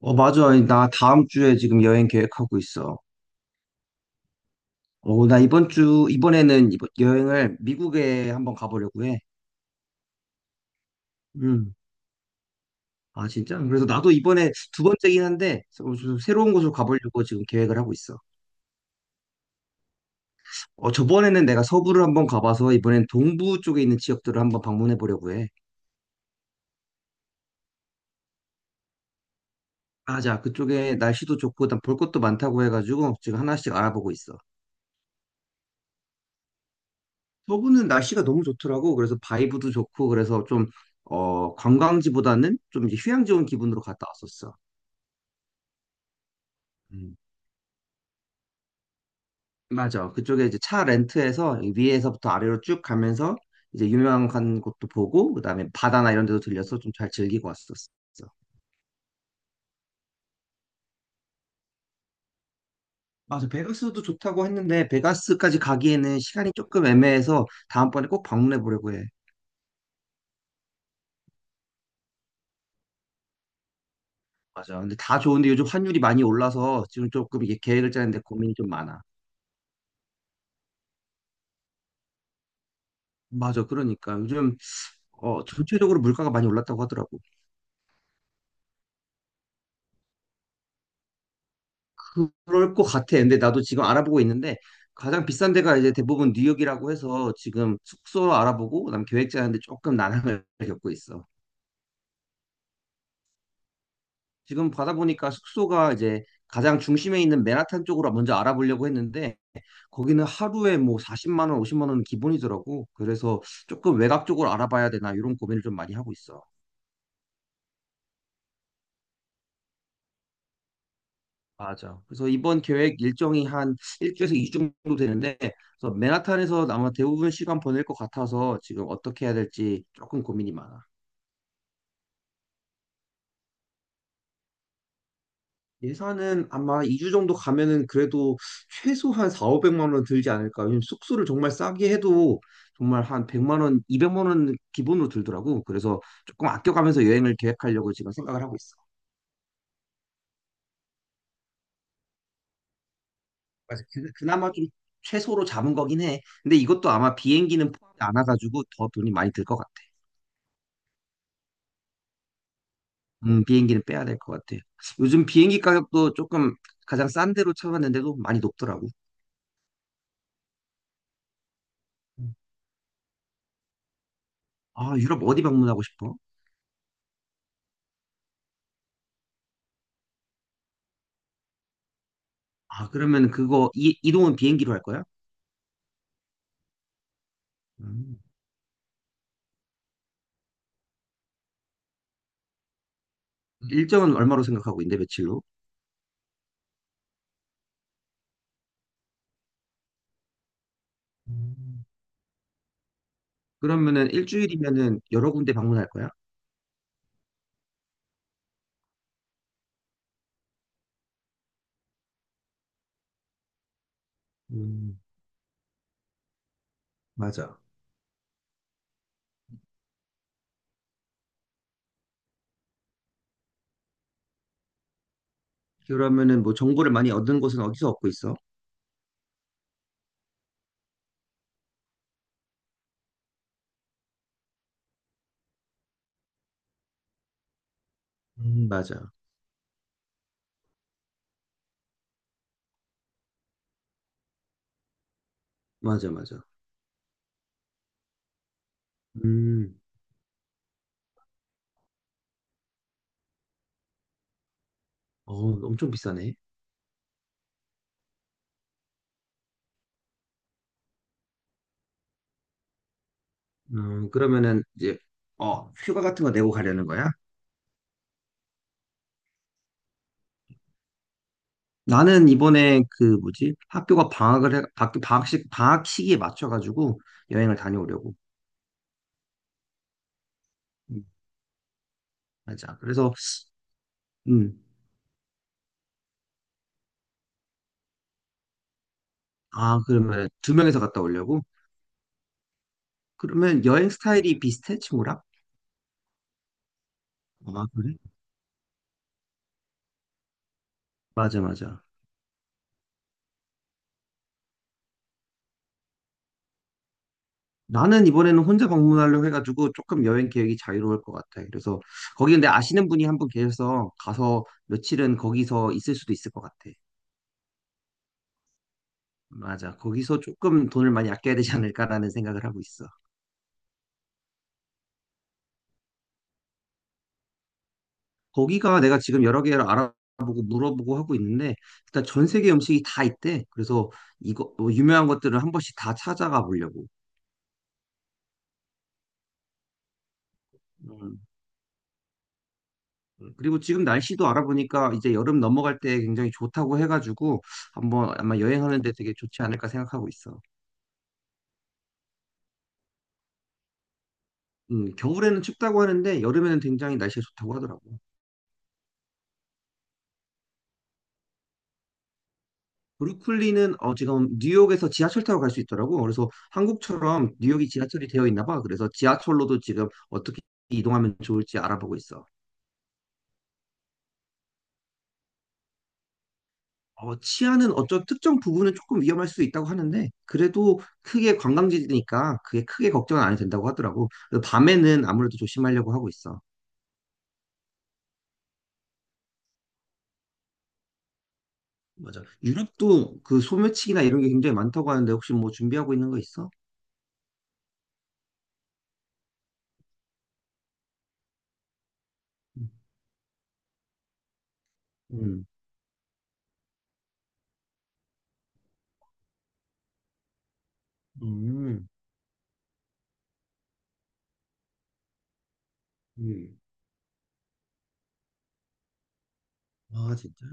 맞아. 나 다음 주에 지금 여행 계획하고 있어. 나 이번에는 여행을 미국에 한번 가보려고 해. 음. 아, 진짜? 그래서 나도 이번에 두 번째긴 한데, 좀 새로운 곳으로 가보려고 지금 계획을 하고 있어. 저번에는 내가 서부를 한번 가봐서, 이번엔 동부 쪽에 있는 지역들을 한번 방문해 보려고 해. 아, 자, 그쪽에 날씨도 좋고, 일단 볼 것도 많다고 해가지고, 지금 하나씩 알아보고 있어. 서구는 날씨가 너무 좋더라고. 그래서 바이브도 좋고, 그래서 좀, 관광지보다는 좀 이제 휴양 지온 기분으로 갔다 왔었어. 음. 맞아. 그쪽에 이제 차 렌트해서 위에서부터 아래로 쭉 가면서 이제 유명한 곳도 보고, 그다음에 바다나 이런 데도 들려서 좀 잘 즐기고 왔었어. 맞아. 베가스도 좋다고 했는데, 베가스까지 가기에는 시간이 조금 애매해서 다음번에 꼭 방문해 보려고 해. 맞아. 근데 다 좋은데 요즘 환율이 많이 올라서 지금 조금 이게 계획을 짜는데 고민이 좀 많아. 맞아. 그러니까 요즘 전체적으로 물가가 많이 올랐다고 하더라고. 럴 것 같아. 근데 나도 지금 알아보고 있는데 가장 비싼 데가 이제 대부분 뉴욕이라고 해서 지금 숙소 알아보고 그다음 계획 짜는데 조금 난항을 겪고 있어. 지금 받아보니까 숙소가 이제 가장 중심에 있는 맨하탄 쪽으로 먼저 알아보려고 했는데 거기는 하루에 뭐 40만 원, 50만 원은 기본이더라고. 그래서 조금 외곽 쪽으로 알아봐야 되나 이런 고민을 좀 많이 하고 있어. 맞아. 그래서 이번 계획 일정이 한 일주에서 2주 정도 되는데, 그래서 맨하탄에서 아마 대부분 시간 보낼 것 같아서 지금 어떻게 해야 될지 조금 고민이 많아. 예산은 아마 2주 정도 가면은 그래도 최소한 4, 500만 원 들지 않을까. 왜냐면 숙소를 정말 싸게 해도 정말 한 100만 원, 200만 원 기본으로 들더라고. 그래서 조금 아껴가면서 여행을 계획하려고 지금 생각을 하고 있어. 맞아. 그나마 좀 최소로 잡은 거긴 해. 근데 이것도 아마 비행기는 포함이 안 와가지고 더 돈이 많이 들 것 같아. 비행기는 빼야 될 것 같아. 요즘 비행기 가격도 조금 가장 싼 데로 찾아봤는데도 많이 높더라고. 음. 아, 유럽 어디 방문하고 싶어? 아, 그러면 그거 이동은 비행기로 할 거야? 음. 일정은 얼마로 생각하고 있는데 며칠로? 음, 그러면은 일주일이면은 여러 군데 방문할 거야? 음, 맞아. 그러면은 뭐 정보를 많이 얻은 곳은 어디서 얻고 있어? 맞아. 맞아, 맞아. 음, 어, 엄청 비싸네. 그러면은 이제 휴가 같은 거 내고 가려는 거야? 나는 이번에 그 뭐지? 학교가 방학을 해, 방학식, 방학 시기에 맞춰가지고 여행을 다녀오려고. 음, 맞아. 그래서, 음, 아, 그러면 2명이서 갔다 오려고? 그러면 여행 스타일이 비슷해, 친구랑? 아, 그래? 맞아, 맞아. 나는 이번에는 혼자 방문하려고 해가지고 조금 여행 계획이 자유로울 것 같아. 그래서 거기 근데 아시는 분이 한 분 계셔서 가서 며칠은 거기서 있을 수도 있을 것 같아. 맞아. 거기서 조금 돈을 많이 아껴야 되지 않을까라는 생각을 하고 있어. 거기가 내가 지금 여러 개를 알아보고 물어보고 하고 있는데 일단 전 세계 음식이 다 있대. 그래서 이거 뭐 유명한 것들을 한 번씩 다 찾아가 보려고. 음. 음. 그리고 지금 날씨도 알아보니까 이제 여름 넘어갈 때 굉장히 좋다고 해가지고 한번 아마 여행하는데 되게 좋지 않을까 생각하고 있어. 겨울에는 춥다고 하는데 여름에는 굉장히 날씨가 좋다고 하더라고. 브루클리는 지금 뉴욕에서 지하철 타고 갈 수 있더라고. 그래서 한국처럼 뉴욕이 지하철이 되어 있나 봐. 그래서 지하철로도 지금 어떻게 이동하면 좋을지 알아보고 있어. 치안은 어떤 특정 부분은 조금 위험할 수 있다고 하는데, 그래도 크게 관광지니까 그게 크게 걱정은 안 해도 된다고 하더라고. 그래서 밤에는 아무래도 조심하려고 하고 있어. 맞아. 유럽도 그 소매치기나 이런 게 굉장히 많다고 하는데, 혹시 뭐 준비하고 있는 거 있어? 음, 음, 음. 아, 진짜?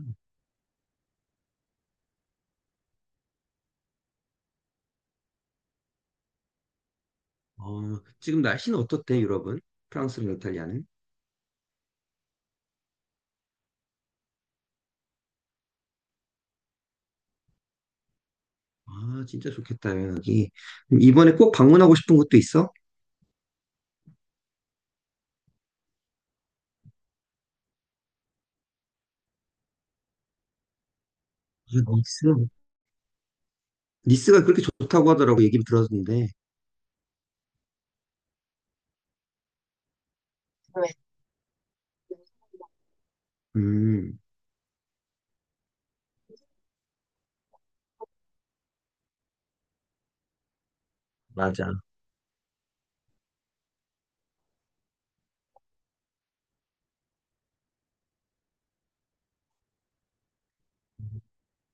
지금 날씨는 어떻대, 유럽은? 프랑스랑 이탈리아는? 아, 진짜 좋겠다, 여기. 이번에 꼭 방문하고 싶은 곳도 있어? 아, 니스. 니스가 그렇게 좋다고 하더라고, 얘기 들었는데. 음. 맞아.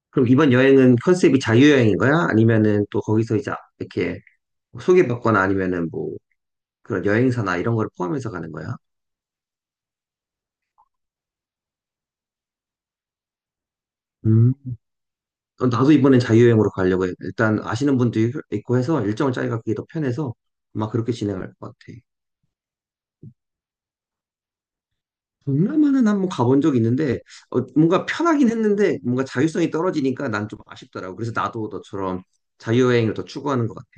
그럼 이번 여행은 컨셉이 자유여행인 거야? 아니면은 또 거기서 이제 이렇게 소개받거나 아니면은 뭐 그런 여행사나 이런 거를 포함해서 가는 거야? 음. 나도 이번엔 자유여행으로 가려고 해. 일단 아시는 분도 있고 해서 일정을 짜기가 그게 더 편해서 아마 그렇게 진행할 것 같아. 동남아는 한번 가본 적 있는데 뭔가 편하긴 했는데 뭔가 자유성이 떨어지니까 난 좀 아쉽더라고. 그래서 나도 너처럼 자유여행을 더 추구하는 것 같아.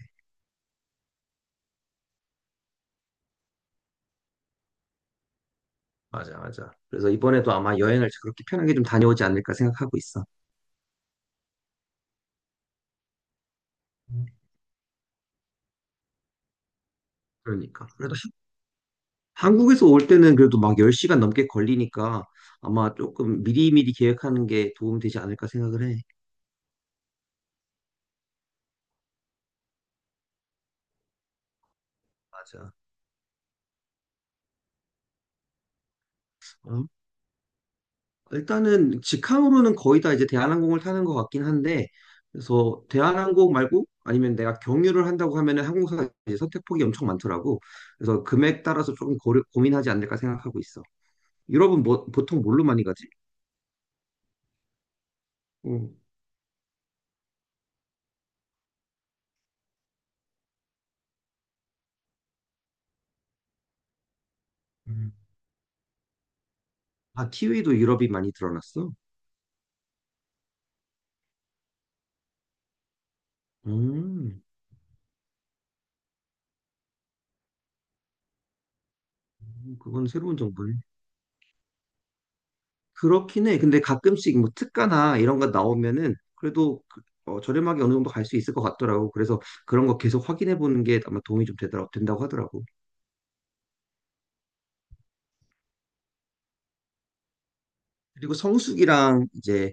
맞아, 맞아. 그래서 이번에도 아마 여행을 그렇게 편하게 좀 다녀오지 않을까 생각하고 있어. 그러니까. 그래도 한국에서 올 때는 그래도 막 10시간 넘게 걸리니까 아마 조금 미리미리 계획하는 게 도움 되지 않을까 생각을 해. 맞아. 어? 일단은 직항으로는 거의 다 이제 대한항공을 타는 것 같긴 한데, 그래서 대한항공 말고 아니면 내가 경유를 한다고 하면은 항공사 이제 선택폭이 엄청 많더라고. 그래서 금액 따라서 조금 고려, 고민하지 않을까 생각하고 있어. 유럽은 뭐, 보통 뭘로 많이 가지? 응. 음. 아, t 웨이도 유럽이 많이 드러났어? 음, 그건 새로운 정보. 그렇긴 해. 근데 가끔씩 뭐 특가나 이런 거 나오면은 그래도 저렴하게 어느 정도 갈 수 있을 것 같더라고. 그래서 그런 거 계속 확인해 보는 게 아마 도움이 좀 되더라, 된다고 하더라고. 그리고 성수기랑 이제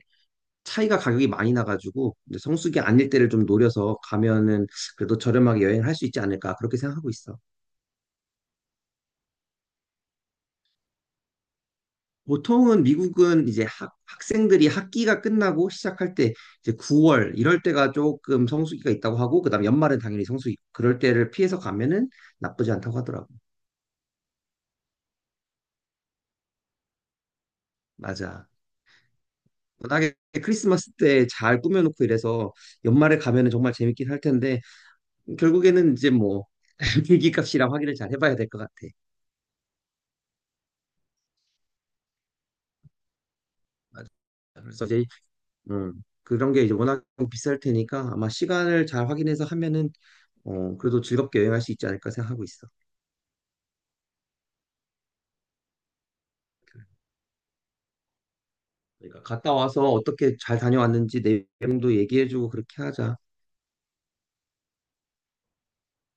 차이가 가격이 많이 나가지고 이제 성수기 아닐 때를 좀 노려서 가면은 그래도 저렴하게 여행을 할 수 있지 않을까 그렇게 생각하고 있어. 보통은 미국은 이제 학생들이 학기가 끝나고 시작할 때 이제 9월 이럴 때가 조금 성수기가 있다고 하고 그다음 연말은 당연히 성수기 그럴 때를 피해서 가면은 나쁘지 않다고 하더라고. 맞아. 워낙에 크리스마스 때 잘 꾸며놓고 이래서 연말에 가면은 정말 재밌긴 할 텐데 결국에는 이제 뭐 비기값이랑 확인을 잘 해봐야 될 것 같아. 맞아. 그래서 이제 음, 그런 게 이제 워낙 비쌀 테니까 아마 시간을 잘 확인해서 하면은 그래도 즐겁게 여행할 수 있지 않을까 생각하고 있어. 그러니까 갔다 와서 어떻게 잘 다녀왔는지 내용도 얘기해주고 그렇게 하자.